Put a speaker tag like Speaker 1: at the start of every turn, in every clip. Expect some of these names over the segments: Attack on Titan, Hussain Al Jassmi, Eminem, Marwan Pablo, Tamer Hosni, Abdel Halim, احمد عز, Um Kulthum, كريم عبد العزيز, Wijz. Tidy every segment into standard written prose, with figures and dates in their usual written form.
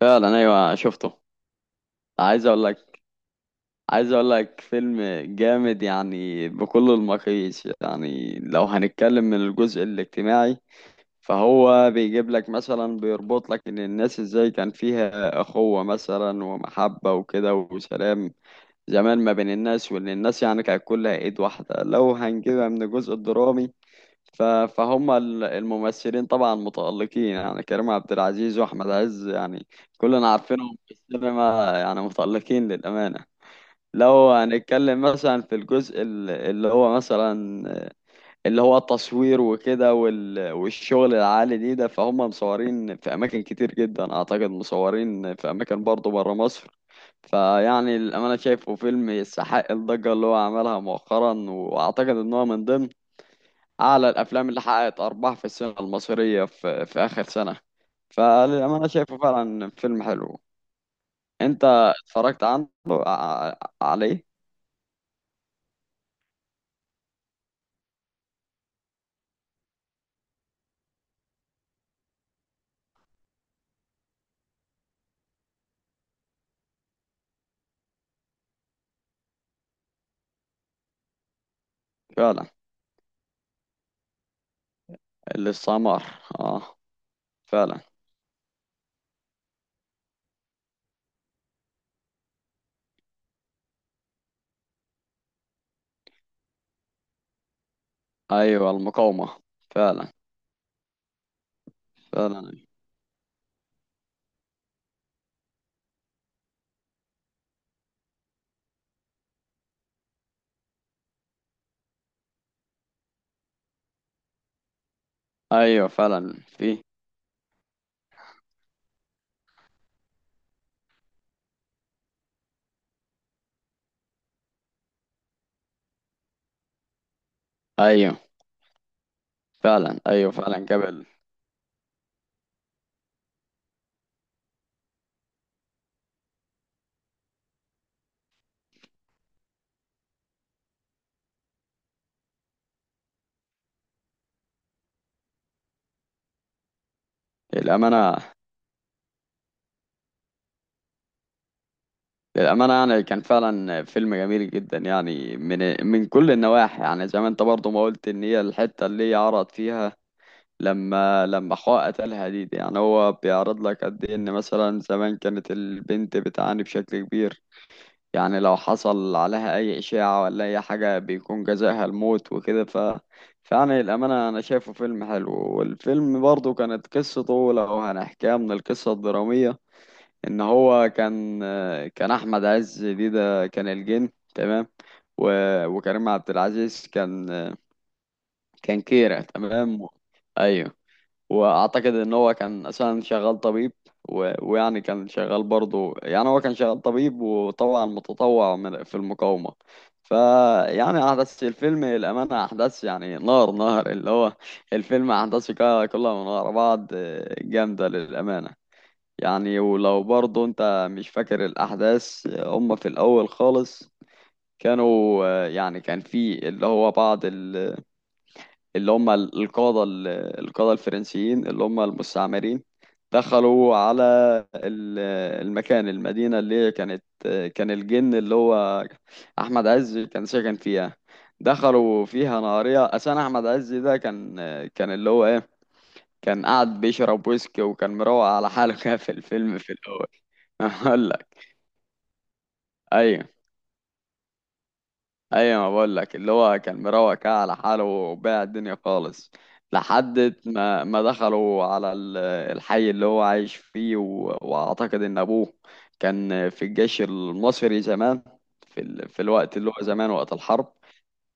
Speaker 1: فعلا، ايوه شفته. عايز اقول لك عايز اقول لك فيلم جامد يعني بكل المقاييس. يعني لو هنتكلم من الجزء الاجتماعي، فهو بيجيب لك مثلا، بيربط لك ان الناس ازاي كان فيها اخوة مثلا ومحبة وكده وسلام زمان ما بين الناس، وان الناس يعني كانت كلها ايد واحدة. لو هنجيبها من الجزء الدرامي، فهم الممثلين طبعا متألقين. يعني كريم عبد العزيز واحمد عز يعني كلنا عارفينهم في السينما، يعني متألقين للأمانة. لو هنتكلم مثلا في الجزء اللي هو التصوير وكده والشغل العالي دي ده، فهم مصورين في أماكن كتير جدا، أعتقد مصورين في أماكن برضه برا مصر. فيعني الأمانة شايفه فيلم يستحق الضجة اللي هو عملها مؤخرا، وأعتقد إن هو من ضمن أعلى الأفلام اللي حققت أرباح في السينما المصرية في آخر سنة. فأنا شايفه فعلا فيلم حلو. أنت اتفرجت عنه عليه؟ فعلا. الاستعمار. آه. فعلا. أيوة، المقاومة. فعلا. فعلا أيوة، فعلا في. أيوة فعلا. أيوة فعلا قبل. الأمانة، للأمانة يعني كان فعلا فيلم جميل جدا، يعني من كل النواحي. يعني زي ما أنت برضو ما قلت، إن هي الحتة اللي هي عرض فيها لما حقوق قتلها دي، يعني هو بيعرض لك قد ايه ان مثلا زمان كانت البنت بتعاني بشكل كبير. يعني لو حصل عليها اي اشاعة ولا اي حاجة بيكون جزاها الموت وكده. فيعني الامانة انا شايفه فيلم حلو. والفيلم برضه كانت قصته، لو هنحكيها من القصة الدرامية، ان هو كان احمد عز دي ده كان الجن، تمام. و... وكريم عبد العزيز كان كيرة، تمام. ايوه. واعتقد ان هو كان اساسا شغال طبيب. و... ويعني كان شغال برضه يعني هو كان شغال طبيب، وطبعا متطوع في المقاومة. فيعني احداث الفيلم الامانة احداث يعني نار اللي هو، الفيلم احداثه كلها من ورا بعض جامدة للامانة. يعني ولو برضه انت مش فاكر الاحداث، هم في الاول خالص كانوا يعني كان في اللي هو بعض القادة القادة الفرنسيين اللي هم المستعمرين، دخلوا على ال- المكان، المدينة اللي هي كانت، كان الجن اللي هو أحمد عز كان ساكن فيها. دخلوا فيها نهارية. أساسا أحمد عز ده كان اللي هو إيه، كان قاعد بيشرب ويسكي وكان مروق على حاله كده في الفيلم في الأول. هقول لك. أيوه. ايوه، ما بقول لك اللي هو كان مروق كده على حاله وباع الدنيا خالص. لحد ما دخلوا على الحي اللي هو عايش فيه. واعتقد ان ابوه كان في الجيش المصري زمان، في في الوقت اللي هو زمان وقت الحرب.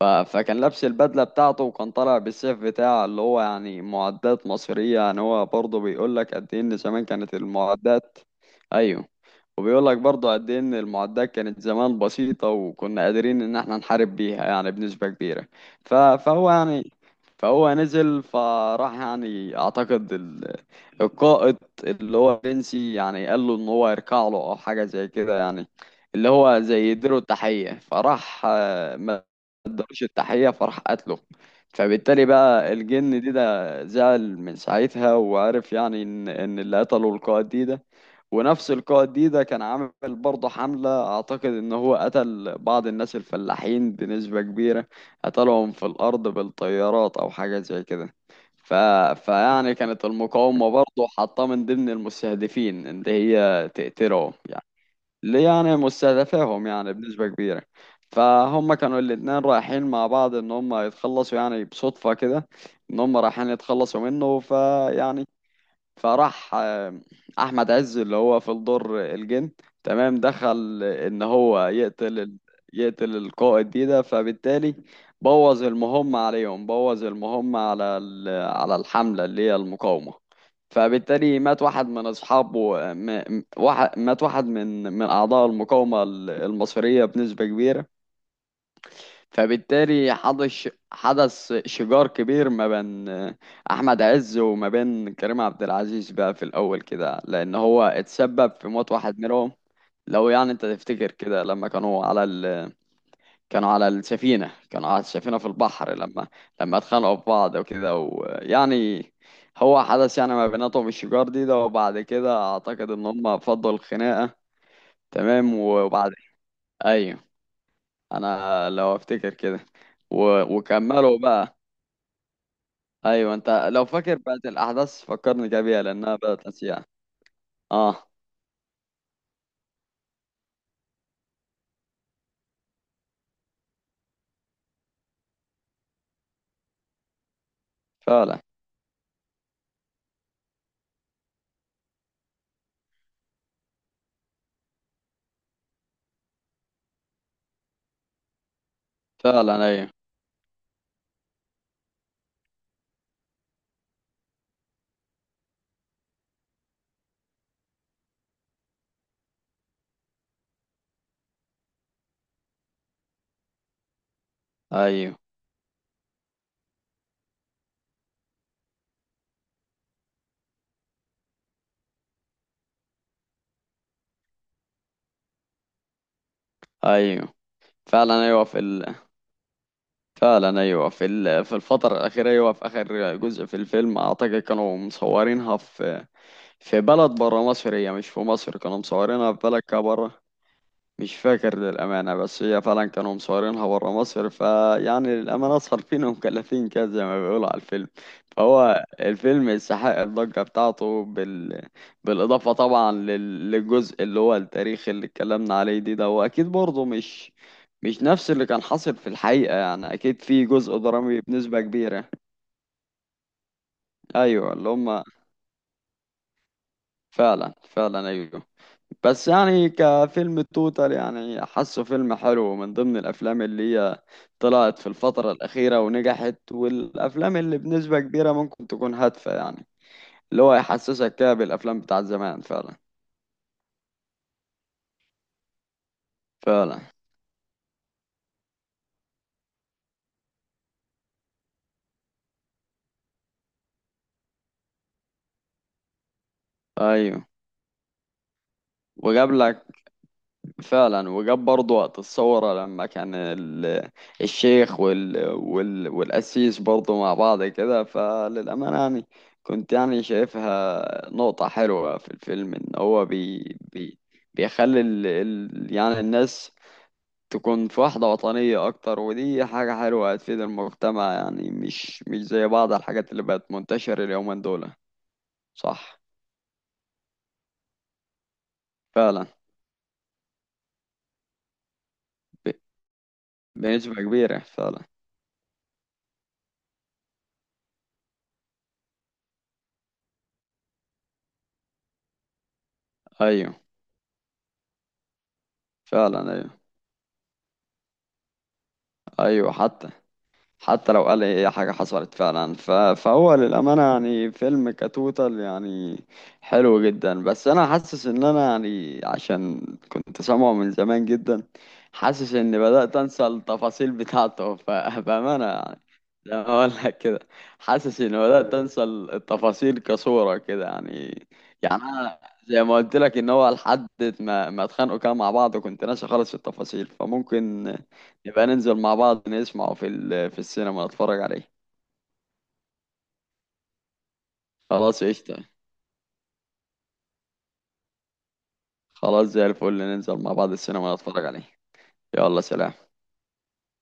Speaker 1: فكان لابس البدلة بتاعته وكان طالع بالسيف بتاعه، اللي هو يعني معدات مصرية. يعني هو برضه بيقول لك قد إيه إن زمان كانت المعدات. أيوه. وبيقول لك برضه قد إيه إن المعدات كانت زمان بسيطة، وكنا قادرين إن إحنا نحارب بيها يعني بنسبة كبيرة. ف... فهو يعني فهو نزل، فراح يعني أعتقد القائد اللي هو بنسي يعني قال له إن هو يركع له أو حاجة زي كده، يعني اللي هو زي يديله التحية. فراح ادالوش التحية، فراح قتله. فبالتالي بقى الجن دي ده زعل من ساعتها، وعرف يعني ان اللي قتله القائد دي ده. ونفس القائد دي ده كان عامل برضه حملة، اعتقد ان هو قتل بعض الناس الفلاحين بنسبة كبيرة، قتلهم في الارض بالطيارات او حاجة زي كده. ف... فيعني كانت المقاومة برضه حاطاه من ضمن المستهدفين ان هي تقتلهم يعني. اللي يعني مستهدفاهم يعني بنسبة كبيرة. فهم كانوا الاتنين رايحين مع بعض ان هم يتخلصوا، يعني بصدفة كده ان هم رايحين يتخلصوا منه. فيعني فراح احمد عز اللي هو في الدور الجن، تمام، دخل ان هو يقتل القائد دي ده. فبالتالي بوظ المهمة عليهم، بوظ المهمة على على الحملة اللي هي المقاومة. فبالتالي مات واحد من اصحابه. آه، م- م- واحد مات واحد من اعضاء المقاومة المصرية بنسبة كبيرة. فبالتالي حدث شجار كبير ما بين احمد عز وما بين كريم عبد العزيز بقى في الاول كده، لان هو اتسبب في موت واحد منهم. لو يعني انت تفتكر كده لما كانوا على ال... كانوا على السفينة كانوا على السفينة في البحر، لما اتخانقوا في بعض وكده. ويعني هو حدث يعني ما بيناتهم الشجار دي ده، وبعد كده اعتقد ان هم فضوا الخناقة، تمام. وبعد، ايوه، انا لو افتكر كده. وكملوا بقى. ايوه انت لو فاكر بقت الاحداث فكرني كده بيها، لانها بدات نسيها. اه، فعلا. فعلا ايوه. ايوه. ايوه. فعلا ايوه في فعلا ايوه في في الفتره الاخيره، ايوه في اخر جزء في الفيلم، اعتقد كانوا مصورينها في بلد بره مصر، هي مش في مصر، كانوا مصورينها في بلد كده بره. مش فاكر للأمانة، بس هي فعلا كانوا مصورينها برا مصر. فيعني للأمانة صارفين ومكلفين كده زي ما بيقولوا على الفيلم. فهو الفيلم يستحق الضجة بتاعته بالإضافة طبعا للجزء اللي هو التاريخ اللي اتكلمنا عليه دي ده. وأكيد برضه مش، مش نفس اللي كان حاصل في الحقيقة، يعني أكيد في جزء درامي بنسبة كبيرة. أيوه اللي هما. فعلا. فعلا أيوه. بس يعني كفيلم توتال، يعني حاسه فيلم حلو من ضمن الافلام اللي هي طلعت في الفترة الأخيرة ونجحت، والافلام اللي بنسبة كبيرة ممكن تكون هادفة يعني، اللي هو يحسسك كده بالافلام بتاعت زمان فعلا. فعلا ايوه. وجاب لك، فعلا وجاب برضه وقت الثورة لما كان الشيخ وال وال والقسيس برضه مع بعض كده. فللأمانة يعني كنت يعني شايفها نقطة حلوة في الفيلم، إن هو بي بيخلي ال ال يعني الناس تكون في وحدة وطنية أكتر، ودي حاجة حلوة هتفيد المجتمع. يعني مش، مش زي بعض الحاجات اللي بقت منتشرة اليومين دول. صح. فعلا. ب- بنسبة كبيرة فعلا. أيوه. فعلا أيوه. أيوه. حتى، حتى لو قال ايه حاجة حصلت فعلا. فهو للأمانة يعني فيلم كتوتال، يعني حلو جدا. بس أنا حاسس إن أنا يعني عشان كنت سامعه من زمان جدا، حاسس إني بدأت أنسى التفاصيل بتاعته. بأمانة يعني، زي ما أقول لك كده، حاسس إني بدأت أنسى التفاصيل كصورة كده يعني. يعني أنا زي ما قلت لك، إن هو لحد ما اتخانقوا كانوا مع بعض، وكنت ناسي خالص التفاصيل. فممكن يبقى ننزل مع بعض نسمعه في في السينما نتفرج عليه. خلاص، قشطة. خلاص زي الفل، ننزل مع بعض السينما نتفرج عليه. يلا، سلام.